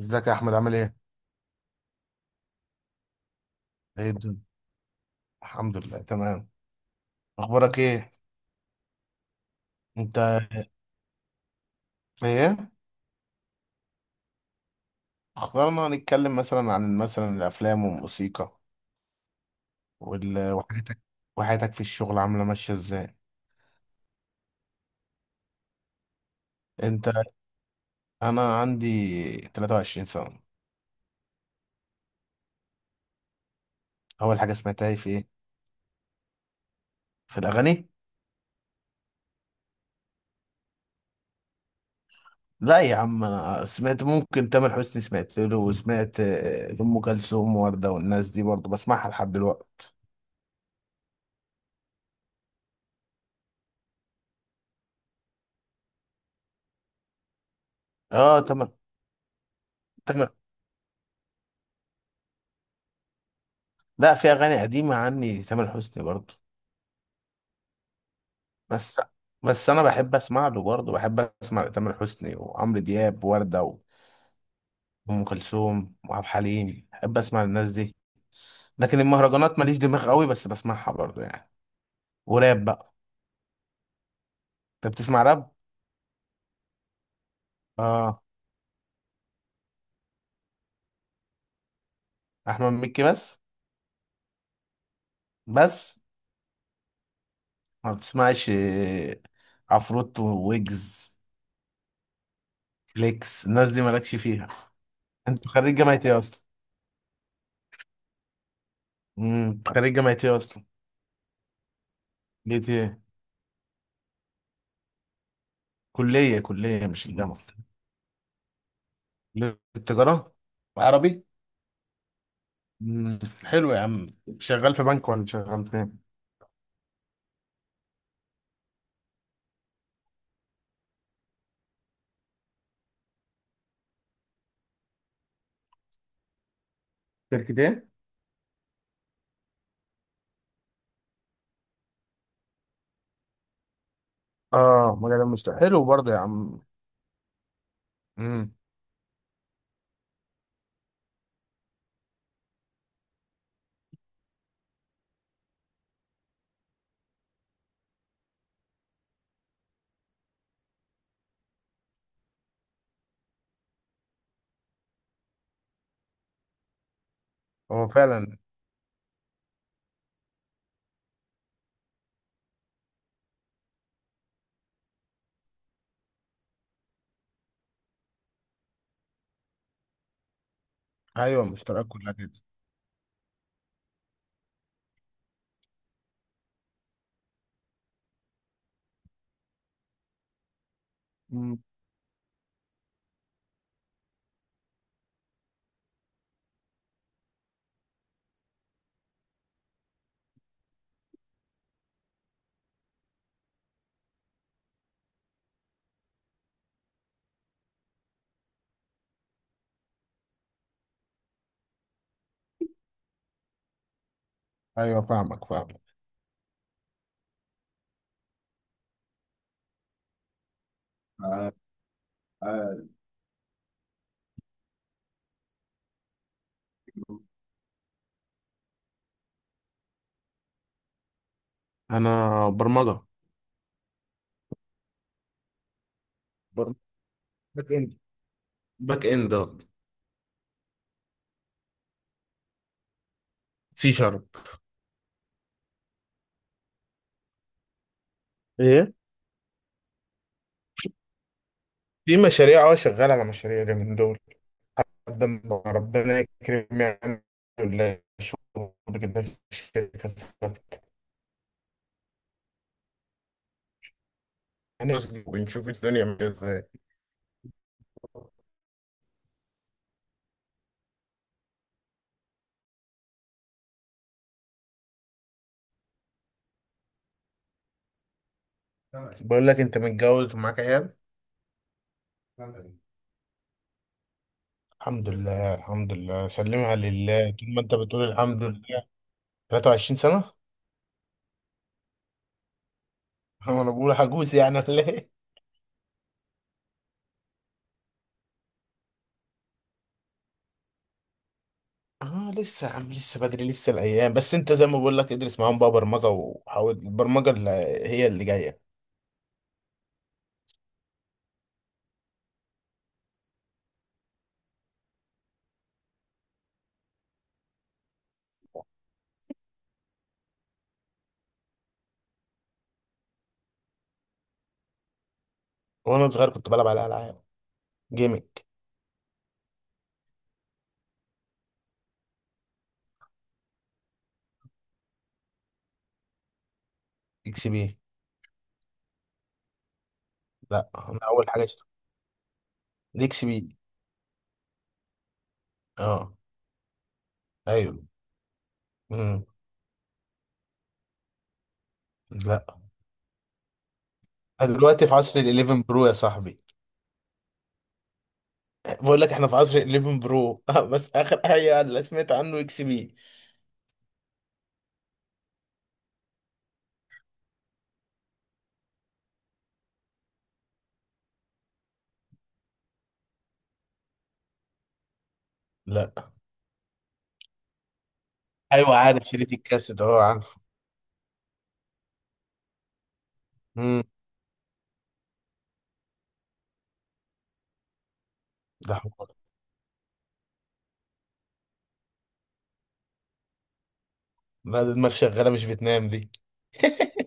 ازيك يا احمد عامل ايه؟ ايه الدنيا؟ الحمد لله تمام. اخبارك ايه؟ انت ايه؟ اخبارنا نتكلم مثلا عن الافلام والموسيقى، وال... وحياتك وحياتك في الشغل عامله ماشيه ازاي؟ انت. انا عندي 23 سنه. اول حاجه سمعتها في ايه؟ في الاغاني؟ لا يا عم، انا سمعت، ممكن تامر حسني سمعت له، وسمعت ام كلثوم ووردة، والناس دي برضه بسمعها لحد دلوقتي. اه، تامر. تامر. لا، في اغاني قديمه عني تامر حسني برضه. بس بس انا بحب اسمع له برضه، بحب اسمع تامر حسني وعمرو دياب ووردة وام كلثوم وعبد الحليم، بحب اسمع الناس دي. لكن المهرجانات ماليش دماغ قوي، بس بسمعها برضه يعني. وراب بقى. انت بتسمع راب. اه، احمد مكي بس. بس ما بتسمعش عفروتو ويجز فليكس، الناس دي مالكش فيها. انت خريج جامعة ايه اصلا؟ أنت خريج جامعة ايه اصلا؟ ليه ايه؟ كلية مش الجامعة. كلية التجارة. عربي. مم. حلو يا عم. شغال في بنك ولا شغال فين؟ شركتين. اه، مجال المشتري حلو برضه يا عم. امم هو فعلا. ايوه، المشتريات كلها كده. مم. ايوه فاهمك فاهمك. آه، آه، انا برمجه، برمجة باك اند، باك اند آه. سي شارب. ايه؟ في مشاريع، شغال على مشاريع اليومين دول. قدم ربنا يكرم يعني، ولا شغل كده في الشركة ونشوف الدنيا عاملة ازاي. بقول لك، انت متجوز ومعاك عيال؟ الحمد لله. الحمد لله سلمها لله طول ما انت بتقول الحمد لله. 23 سنة. انا بقول عجوز يعني ولا ايه؟ اه، لسه يا عم، لسه بدري لسه الايام. بس انت زي ما بقول لك، ادرس معاهم بقى برمجة، وحاول البرمجة اللي هي اللي جاية. وانا صغير كنت بلعب على العاب، جيمنج. اكس بي. لا، انا اول حاجة اشتغلت الاكس بي. اه. ايوه. امم لا، أنا دلوقتي في عصر ال 11 برو يا صاحبي. بقول لك احنا في عصر ال 11 برو. بس اخر حاجة اللي سمعت عنه اكس بي. لا. ايوه، عارف شريط الكاسيت، اهو عارفه. امم ده حوار، ده دماغ شغاله مش بتنام دي.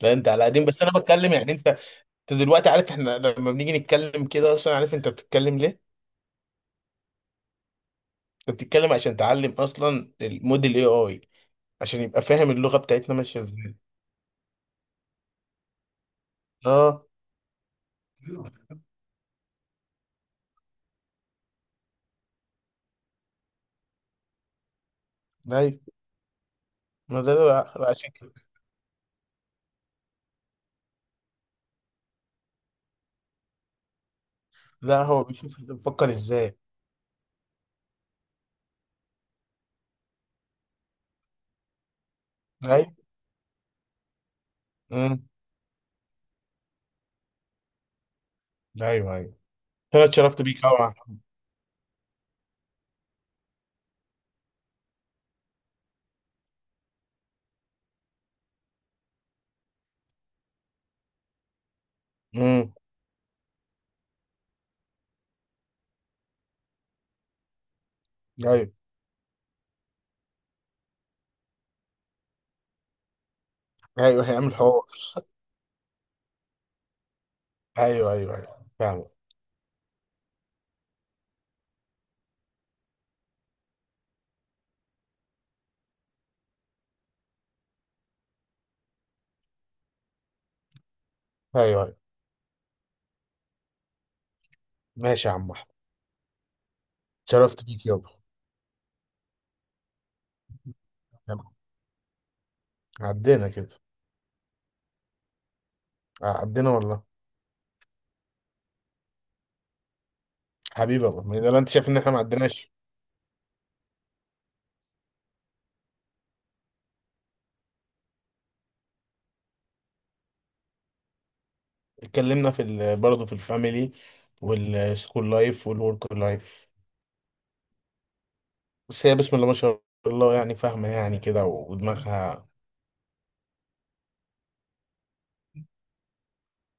لا، انت على قديم، بس انا بتكلم يعني. انت دلوقتي عارف، احنا لما بنيجي نتكلم كده اصلا، عارف انت بتتكلم ليه؟ انت بتتكلم عشان تعلم اصلا الموديل اي اي، عشان يبقى فاهم اللغه بتاعتنا ماشيه ازاي. اه، ايوه. ما ده عشان كده. لا، هو بيشوف بيفكر ازاي. ايوه. امم ايوه، ايوه. انا اتشرفت بيك قوي يا محمد. امم ايوه، ايوه، هيعمل حوار. ايوه ايوه ايوه، فاهم. ايوه، أيوة. ماشي يا عم احمد. شرفت بيك يابا. يلا. عدينا كده، عدينا والله. حبيبي يابا، ما ده انت شايف ان احنا ما عديناش. اتكلمنا في برضه في الفاميلي والسكول لايف والورك لايف. بس هي بسم الله ما شاء الله، يعني فاهمه يعني كده، ودماغها.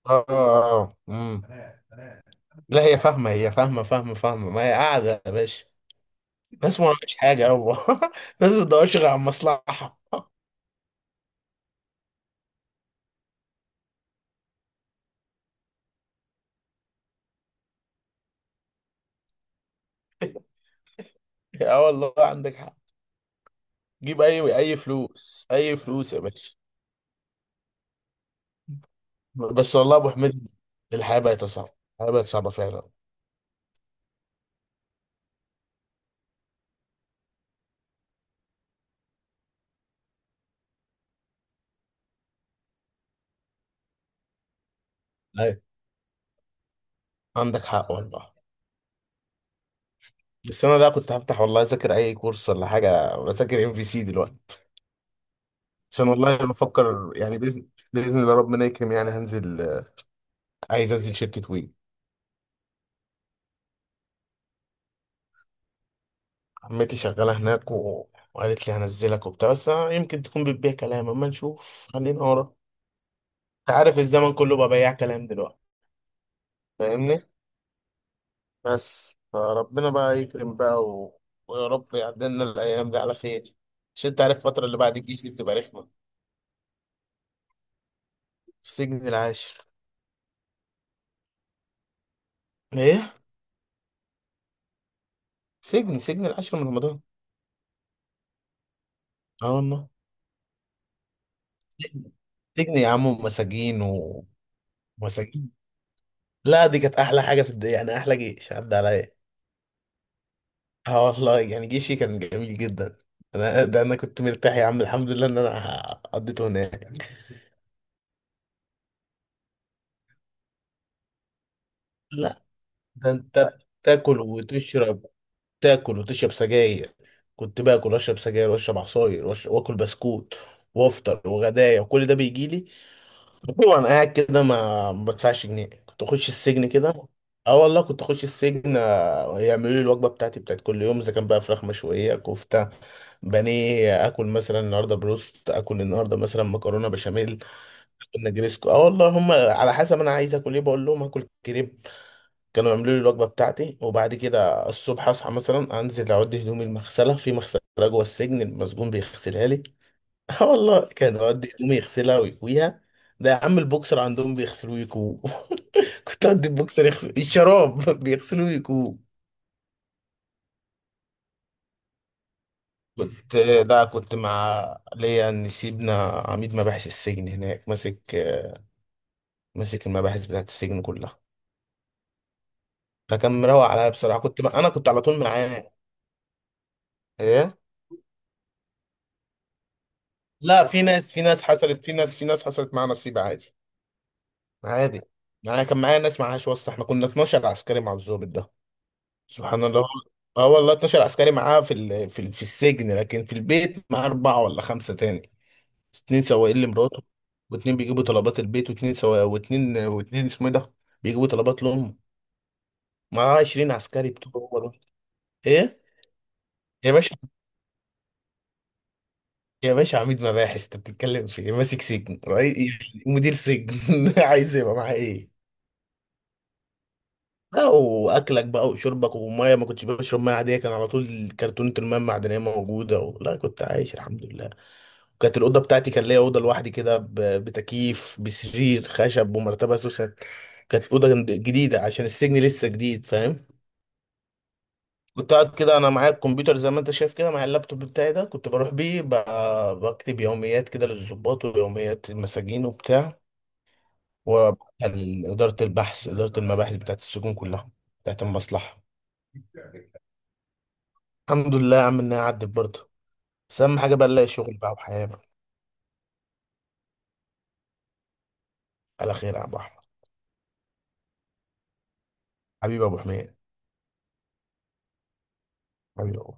اه مم. لا، هي فاهمه، هي فاهمه فاهمه فاهمه، ما هي قاعده يا باشا. ناس ما وراكش حاجه يابا. ناس ما بتدورش غير على المصلحه. اه، والله عندك حق. جيب اي اي فلوس، اي فلوس يا باشا. بس والله يا ابو حميد، الحياه بقت صعبه، الحياه بقت صعبه فعلا. ايوه، عندك حق والله. بس انا ده كنت هفتح والله اذاكر اي كورس ولا حاجه، بذاكر ام في سي دلوقتي. عشان والله بفكر يعني، باذن الله ربنا يكرم يعني، هنزل، عايز انزل شركه وي. عمتي شغاله هناك، وقالت لي هنزلك وبتاع، بس أنا يمكن تكون بتبيع كلام، اما نشوف خلينا ورا. انت عارف الزمن كله بقى بياع كلام دلوقتي. فاهمني. بس فربنا بقى يكرم بقى، ويا رب يعدلنا الأيام دي على خير. عشان أنت عارف الفترة اللي بعد الجيش دي بتبقى رخمة. في سجن العاشر. إيه؟ سجن العاشر من رمضان. آه والله. سجن سجن يا عم، ومساجين. ومساجين. لا، دي كانت أحلى حاجة في الدنيا، يعني أحلى جيش عدى عليا. آه والله، يعني جيشي كان جميل جدا. أنا ده أنا كنت مرتاح يا عم، الحمد لله إن أنا قضيته هناك. لا، ده أنت بتاكل وتشرب. تاكل وتشرب سجاير. كنت باكل واشرب سجاير، واشرب عصاير، واكل بسكوت، وافطر، وغدايا، وكل ده بيجي لي. وانا قاعد كده، ما بدفعش جنيه. كنت اخش السجن كده. اه والله كنت اخش السجن، يعملوا لي الوجبه بتاعتي بتاعت كل يوم. اذا كان بقى فراخ مشويه، كفته، بانيه، اكل مثلا النهارده بروست، اكل النهارده مثلا مكرونه بشاميل، نجريسكو. اه والله هم على حسب انا عايز اكل ايه. بقول لهم هاكل كريب، كانوا يعملوا لي الوجبه بتاعتي. وبعد كده الصبح اصحى مثلا، انزل اعد هدومي المغسله في مغسله جوه السجن، المسجون بيغسلها لي. اه والله كان يقعد هدومي يغسلها ويكويها. ده يا عم البوكسر عندهم بيغسلوه ويكوه. كنت اودي البوكسر يغسل الشراب. بيغسلوه ويكوه. كنت كنت مع، ليا ان سيبنا، عميد مباحث السجن هناك ماسك. المباحث بتاعت السجن كلها. فكان مروق عليا بصراحه، كنت على طول معاه. ايه؟ لا، في ناس، في ناس حصلت معاها نصيب عادي. عادي. معايا كان، معايا ناس معاهاش واسطة. احنا كنا 12 عسكري مع الضابط ده. سبحان الله. اه والله 12 عسكري معاه في السجن، لكن في البيت معاه أربعة ولا خمسة تاني. اتنين سواقين لمراته، واتنين بيجيبوا طلبات البيت، واتنين سوا، واتنين اسمه إيه ده، بيجيبوا طلبات لأمه. معاه 20 عسكري بتوع هو دول. ايه؟ يا باشا يا باشا، عميد مباحث انت بتتكلم في إيه؟ ماسك سجن، رئيس، مدير سجن. عايز يبقى معاه ايه. لا واكلك بقى وشربك، وميه، ما كنتش بشرب ميه عاديه، كان على طول كرتونه الميه المعدنيه موجوده، لا كنت عايش الحمد لله. وكانت الاوضه بتاعتي، كان ليا اوضه لوحدي كده بتكييف بسرير خشب ومرتبه سوسه. كانت الاوضه جديده عشان السجن لسه جديد فاهم. كنت قاعد كده، انا معايا الكمبيوتر زي ما انت شايف كده، معايا اللابتوب بتاعي ده، كنت بروح بيه بكتب يوميات كده للضباط، ويوميات المساجين وبتاع، وبعتها لاداره البحث، اداره المباحث بتاعت السجون كلها، بتاعت المصلحه. الحمد لله يا عم انها عدت برضه. بس اهم حاجه بقى نلاقي شغل بقى، وحياه بقى على خير يا ابو احمد. حبيبي يا ابو حميد. حبيبي يا أبو.